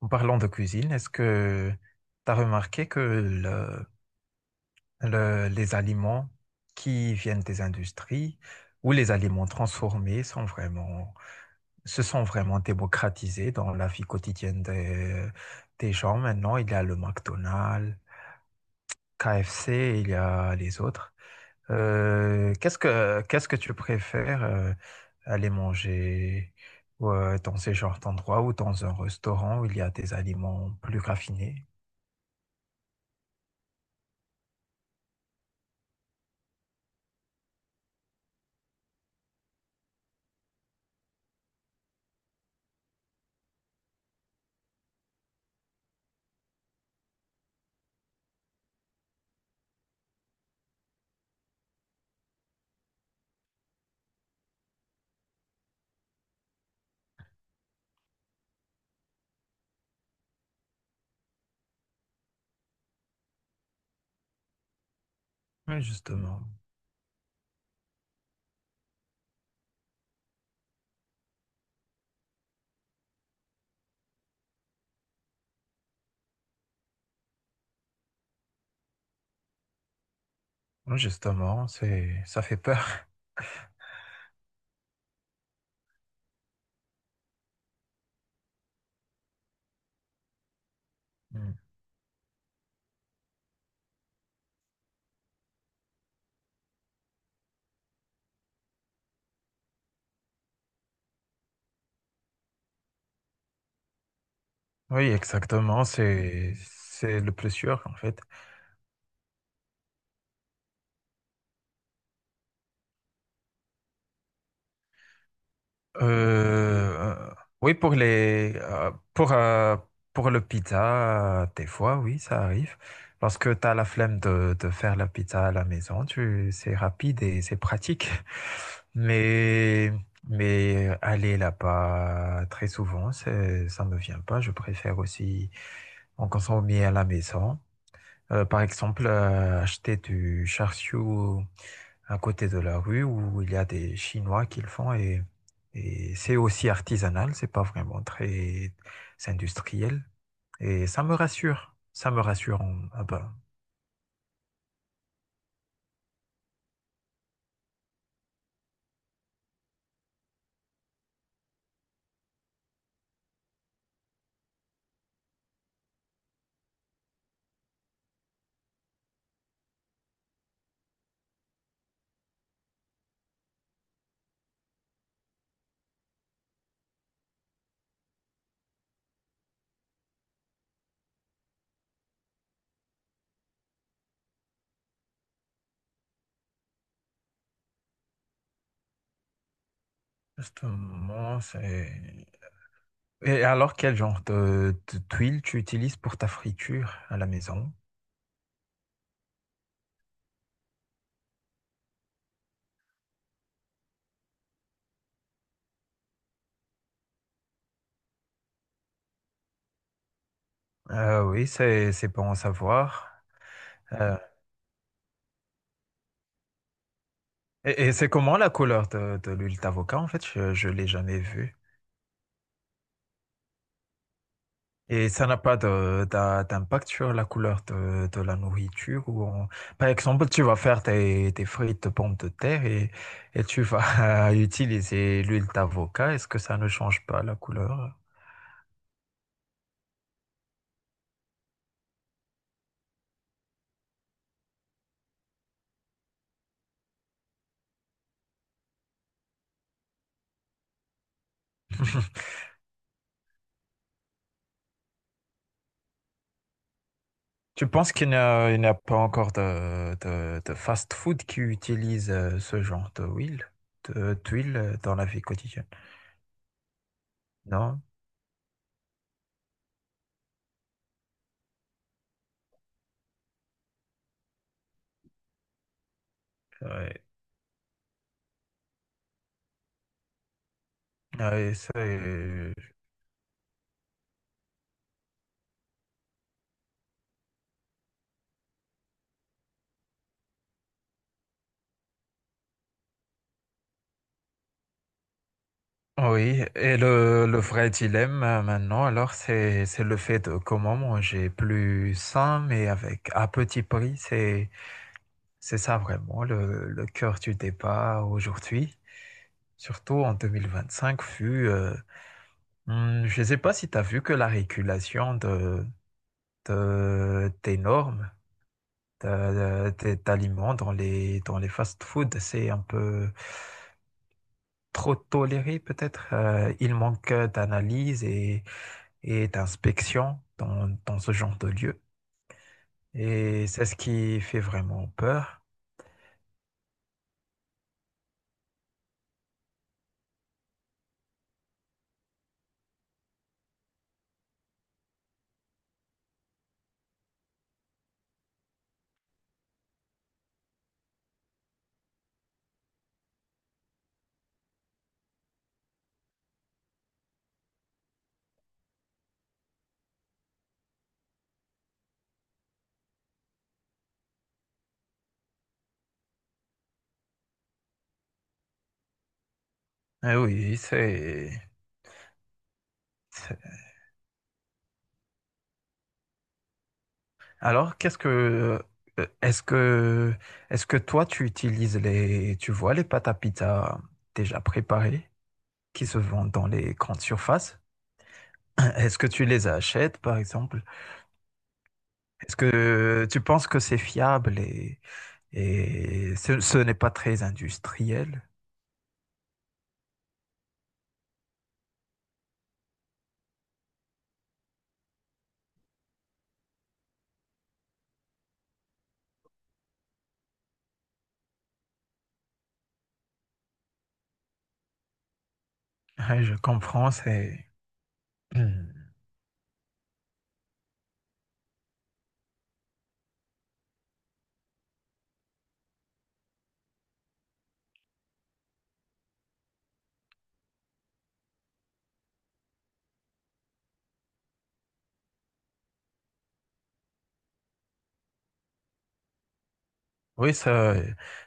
En parlant de cuisine, est-ce que tu as remarqué que les aliments qui viennent des industries ou les aliments transformés se sont vraiment démocratisés dans la vie quotidienne des gens maintenant? Il y a le McDonald's, KFC, il y a les autres. Qu'est-ce que tu préfères aller manger dans ces genres d'endroits ou dans un restaurant où il y a des aliments plus raffinés? Oui, justement. Oui, justement, ça fait peur. Mm. Oui, exactement, c'est le plus sûr, en fait. Euh, euh, oui, pour pour le pizza, des fois, oui, ça arrive. Parce que tu as la flemme de faire la pizza à la maison, tu, c'est rapide et c'est pratique. Mais, mais aller là-bas très souvent, ça me vient pas. Je préfère aussi en consommer à la maison. Par exemple, acheter du char siu à côté de la rue où il y a des Chinois qui le font et c'est aussi artisanal, c'est pas vraiment très c'est industriel et ça me rassure, ça me rassure. Justement, c'est. Et alors, quel genre de tuile tu utilises pour ta friture à la maison? Oui, c'est bon à savoir. Euh, et c'est comment la couleur de l'huile d'avocat en fait? Je l'ai jamais vue. Et ça n'a pas d'impact sur la couleur de la nourriture ou on- Par exemple, tu vas faire tes frites de pommes de terre et tu vas utiliser l'huile d'avocat. Est-ce que ça ne change pas la couleur? Tu penses qu'il n'y a, il n'y a pas encore de fast-food qui utilise ce genre de huile, d'huile dans la vie quotidienne? Non? Ouais. Ouais, c'est- Oui, et le vrai dilemme maintenant, alors, c'est le fait de comment manger plus sain, mais avec à petit prix. C'est ça vraiment le cœur du débat aujourd'hui, surtout en 2025, vu, je ne sais pas si tu as vu que la régulation des normes d'aliments dans dans les fast-foods, c'est un peu trop toléré peut-être. Il manque d'analyse et d'inspection dans ce genre de lieu. Et c'est ce qui fait vraiment peur. Eh oui, c'est- Alors, est-ce que... Est-ce que toi, tu utilises les... Tu vois les pâtes à pizza déjà préparées qui se vendent dans les grandes surfaces? Est-ce que tu les achètes, par exemple? Est-ce que tu penses que c'est fiable et, ce n'est pas très industriel? Ouais, je comprends, c'est... Oui, ça,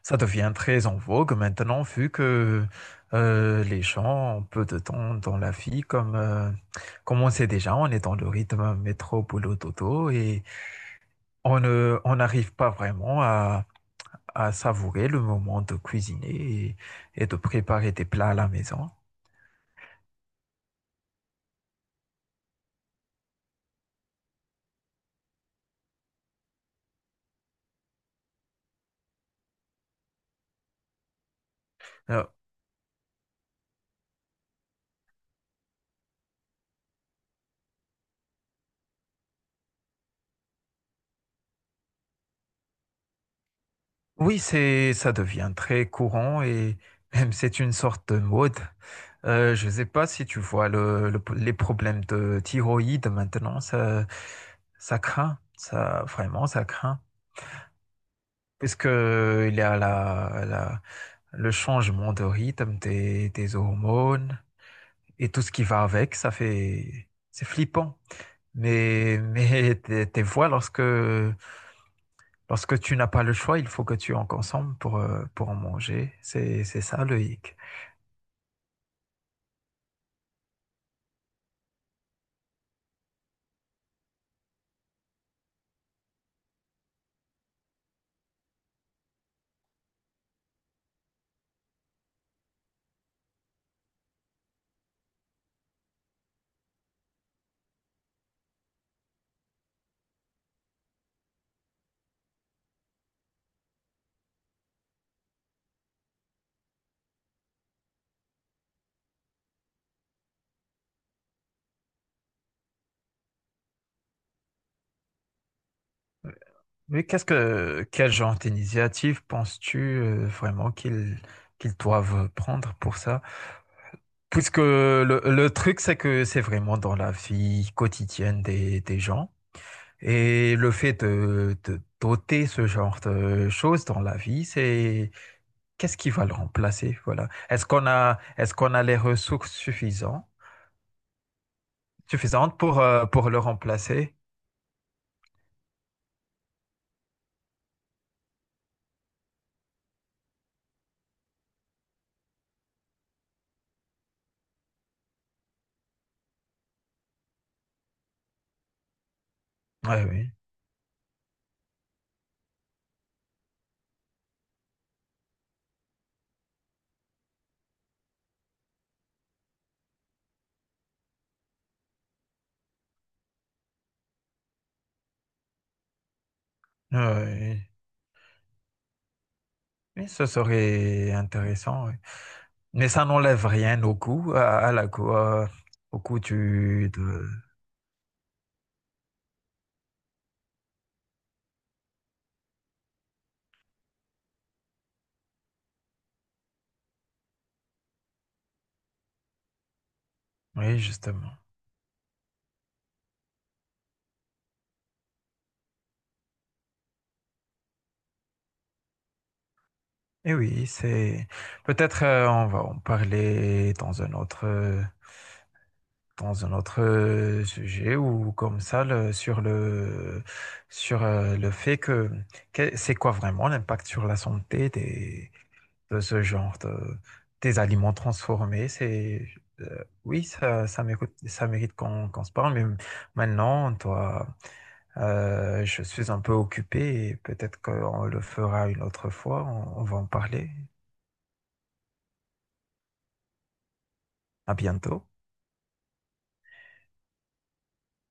ça devient très en vogue maintenant, vu que les gens ont peu de temps dans la vie, comme on sait déjà, on est dans le rythme métro, boulot, dodo, et on n'arrive pas vraiment à savourer le moment de cuisiner et de préparer des plats à la maison. Euh, Oui, ça devient très courant et même c'est une sorte de mode. Je ne sais pas si tu vois le, les problèmes de thyroïde maintenant, ça craint, ça, vraiment, ça craint. Puisque il y a le changement de rythme des hormones et tout ce qui va avec, ça fait, c'est flippant. Mais tes voix lorsque lorsque tu n'as pas le choix, il faut que tu en consommes pour en manger. C'est ça le hic. Mais quel genre d'initiative penses-tu vraiment qu'ils doivent prendre pour ça? Puisque le truc, c'est que c'est vraiment dans la vie quotidienne des gens. Et le fait de doter ce genre de choses dans la vie, c'est qu'est-ce qui va le remplacer? Voilà. Est-ce qu'on a les ressources suffisantes? Suffisante pour le remplacer. Ouais, oui, ouais, oui. Oui, ce serait intéressant. Oui. Mais ça n'enlève rien au coût, à la coût, au coût du, de... Oui, justement. Et oui, c'est... Peut-être on va en parler dans un autre sujet ou comme ça le- sur le sur le fait que- c'est quoi vraiment l'impact sur la santé des de ce genre de des aliments transformés c'est oui ça ça mérite qu'on qu'on se parle mais maintenant toi je suis un peu occupé et peut-être qu'on le fera une autre fois on va en parler à bientôt